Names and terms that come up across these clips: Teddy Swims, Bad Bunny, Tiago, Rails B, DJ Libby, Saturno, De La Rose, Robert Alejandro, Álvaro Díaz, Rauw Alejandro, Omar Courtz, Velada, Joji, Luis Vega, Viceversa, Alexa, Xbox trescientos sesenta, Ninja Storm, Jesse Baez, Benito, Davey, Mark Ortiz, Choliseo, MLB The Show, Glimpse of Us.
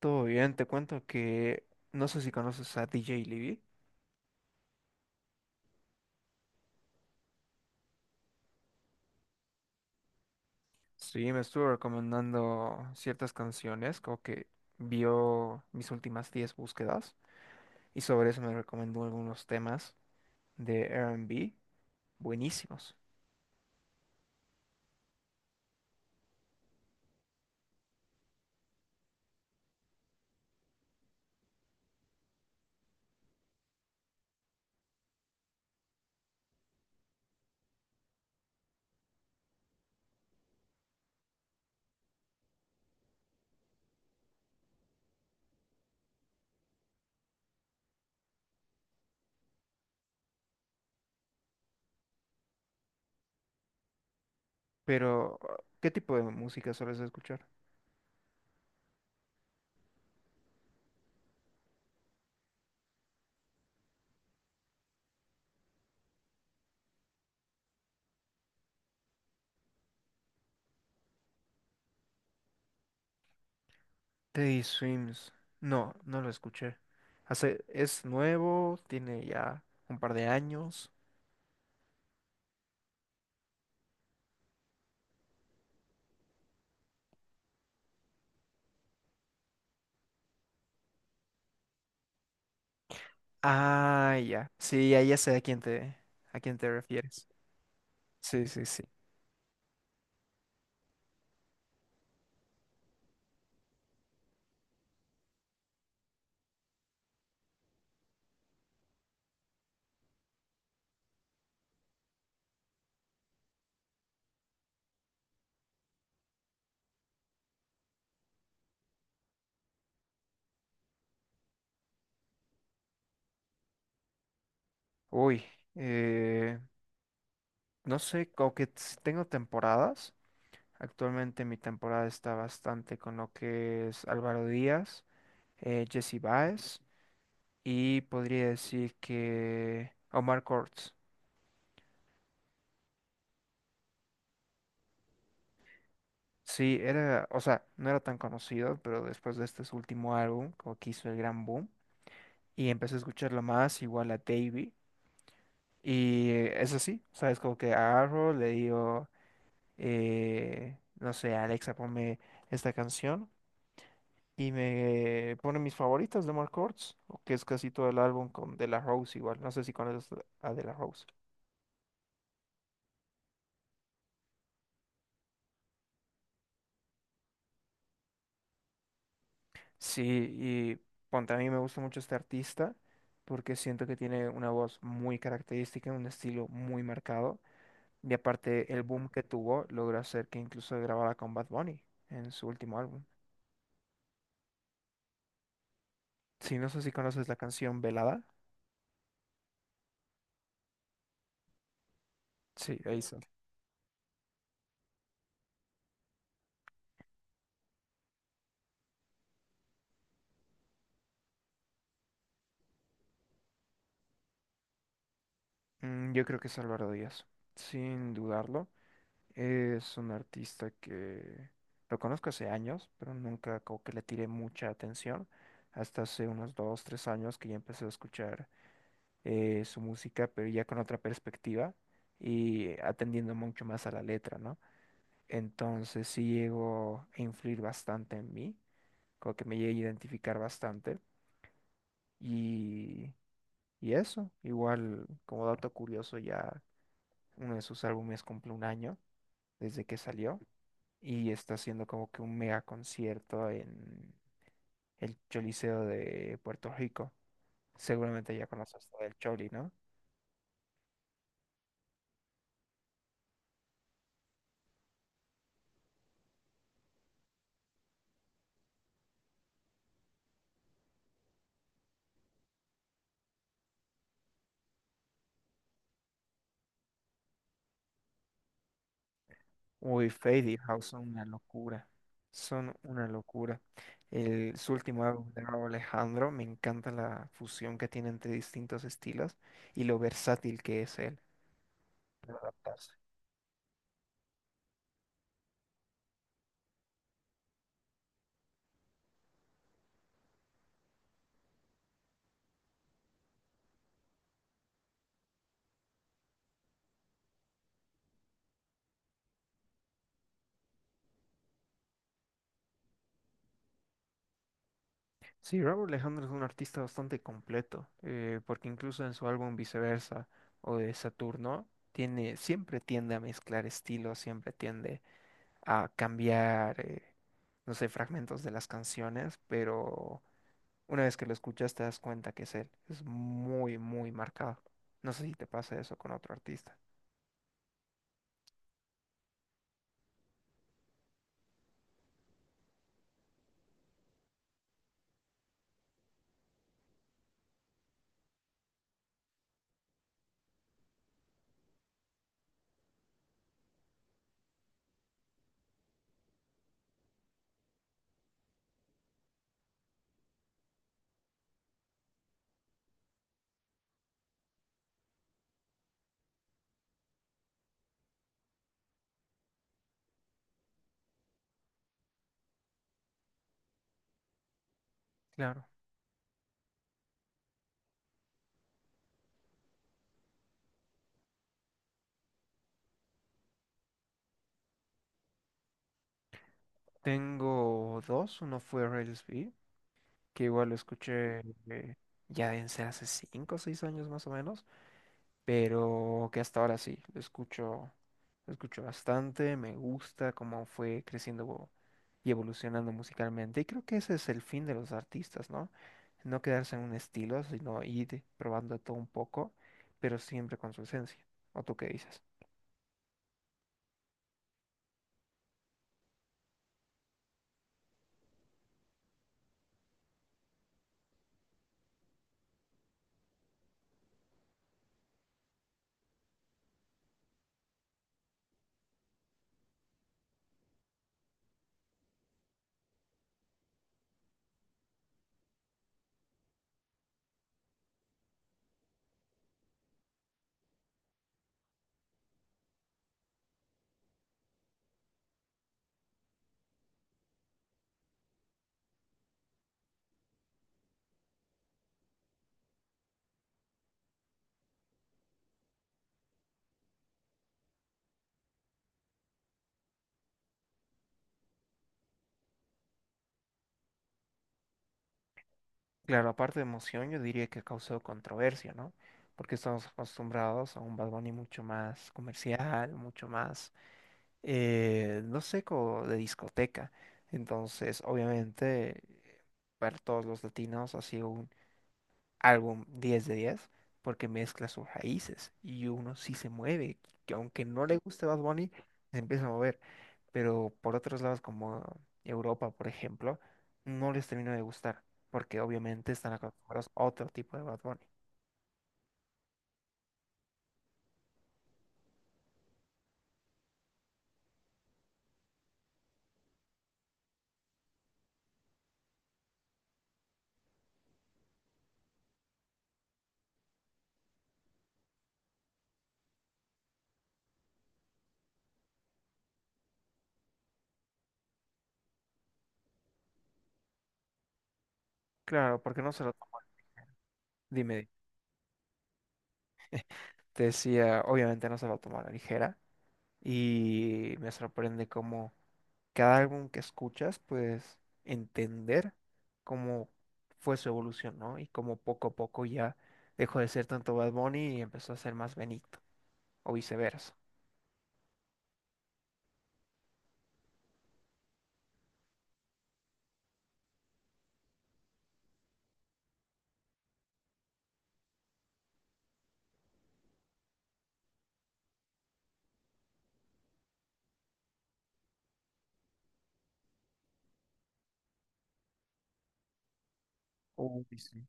Todo bien, te cuento que no sé si conoces a DJ Libby. Sí, me estuvo recomendando ciertas canciones, como que vio mis últimas 10 búsquedas y sobre eso me recomendó algunos temas de R&B buenísimos. Pero, ¿qué tipo de música sueles escuchar? Teddy Swims. No, no lo escuché. Hace, es nuevo, tiene ya un par de años. Ah, ya. Sí, ya, ya sé a quién te refieres. Sí, sí, sí. Uy, eh, no sé, como que tengo temporadas. Actualmente mi temporada está bastante con lo que es Álvaro Díaz, Jesse Baez y podría decir que Omar Courtz. Sí, era, o sea, no era tan conocido, pero después de este su último álbum, como que hizo el gran boom, y empecé a escucharlo más, igual a Davey. Y es así, ¿sabes? Como que agarro, le digo, no sé, Alexa, ponme esta canción. Y me pone mis favoritas de Mark Ortiz, que es casi todo el álbum con De La Rose igual. No sé si conoces a De La Rose. Sí, y ponte, a mí me gusta mucho este artista porque siento que tiene una voz muy característica, un estilo muy marcado. Y aparte, el boom que tuvo logró hacer que incluso grabara con Bad Bunny en su último álbum. Sí, no sé si conoces la canción Velada. Sí, ahí está. Mm, yo creo que es Álvaro Díaz, sin dudarlo. Es un artista que lo conozco hace años, pero nunca como que le tiré mucha atención. Hasta hace unos 2, 3 años que ya empecé a escuchar su música, pero ya con otra perspectiva y atendiendo mucho más a la letra, ¿no? Entonces sí llegó a influir bastante en mí, como que me llegué a identificar bastante. Y, y eso, igual como dato curioso, ya uno de sus álbumes cumple un año desde que salió. Y está haciendo como que un mega concierto en el Choliseo de Puerto Rico. Seguramente ya conoces todo el Choli, ¿no? Uy, Fade y House son una locura. Son una locura. El, su último álbum de Rauw Alejandro, me encanta la fusión que tiene entre distintos estilos y lo versátil que es él. Sí, Robert Alejandro es un artista bastante completo, porque incluso en su álbum Viceversa o de Saturno, tiene, siempre tiende a mezclar estilos, siempre tiende a cambiar, no sé, fragmentos de las canciones, pero una vez que lo escuchas te das cuenta que es él, es muy, muy marcado. No sé si te pasa eso con otro artista. Claro, tengo dos, uno fue Rails B, que igual lo escuché eh, ya en hace 5 o 6 años más o menos, pero que hasta ahora sí, lo escucho bastante, me gusta cómo fue creciendo y evolucionando musicalmente. Y creo que ese es el fin de los artistas, ¿no? No quedarse en un estilo, sino ir probando todo un poco, pero siempre con su esencia. ¿O tú qué dices? Claro, aparte de emoción, yo diría que causó controversia, ¿no? Porque estamos acostumbrados a un Bad Bunny mucho más comercial, mucho más no sé, como de discoteca. Entonces, obviamente, para todos los latinos ha sido un álbum 10 de 10 porque mezcla sus raíces y uno sí se mueve, que aunque no le guste Bad Bunny, se empieza a mover. Pero por otros lados, como Europa, por ejemplo, no les termina de gustar porque obviamente están acostumbrados a otro tipo de Bad Bunny. Claro, porque no se lo toman. Dime, te decía, obviamente no se lo toman a la ligera y me sorprende cómo cada álbum que escuchas, pues entender cómo fue su evolución, ¿no? Y cómo poco a poco ya dejó de ser tanto Bad Bunny y empezó a ser más Benito, o viceversa. Uy, sí.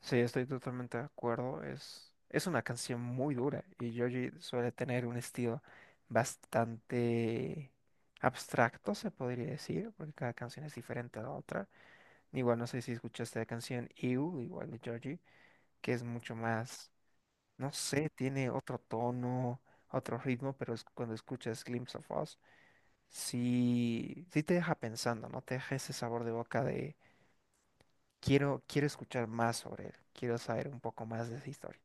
Sí, estoy totalmente de acuerdo. Es una canción muy dura y Joji suele tener un estilo bastante abstracto, se podría decir, porque cada canción es diferente a la otra. Igual no sé si escuchaste la canción You, igual de Joji, que es mucho más, no sé, tiene otro tono, otro ritmo, pero es cuando escuchas Glimpse of Us, sí, sí te deja pensando, ¿no? Te deja ese sabor de boca de quiero, quiero escuchar más sobre él, quiero saber un poco más de esa historia.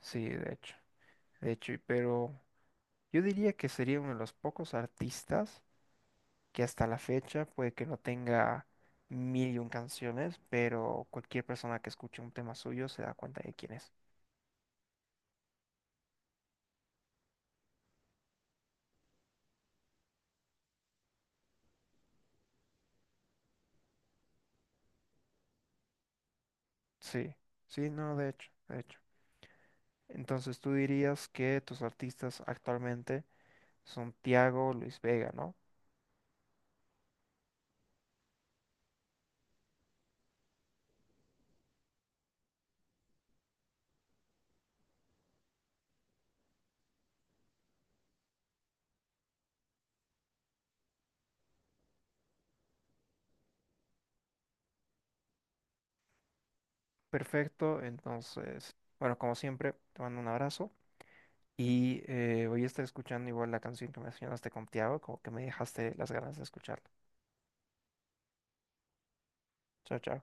Sí, de hecho, y pero yo diría que sería uno de los pocos artistas que hasta la fecha puede que no tenga mil y un canciones, pero cualquier persona que escuche un tema suyo se da cuenta de quién es. Sí, sí, no, de hecho, de hecho. Entonces tú dirías que tus artistas actualmente son Tiago, Luis Vega, ¿no? Perfecto, entonces, bueno, como siempre, te mando un abrazo y voy a estar escuchando igual la canción que mencionaste con Tiago, como que me dejaste las ganas de escucharla. Chao, chao.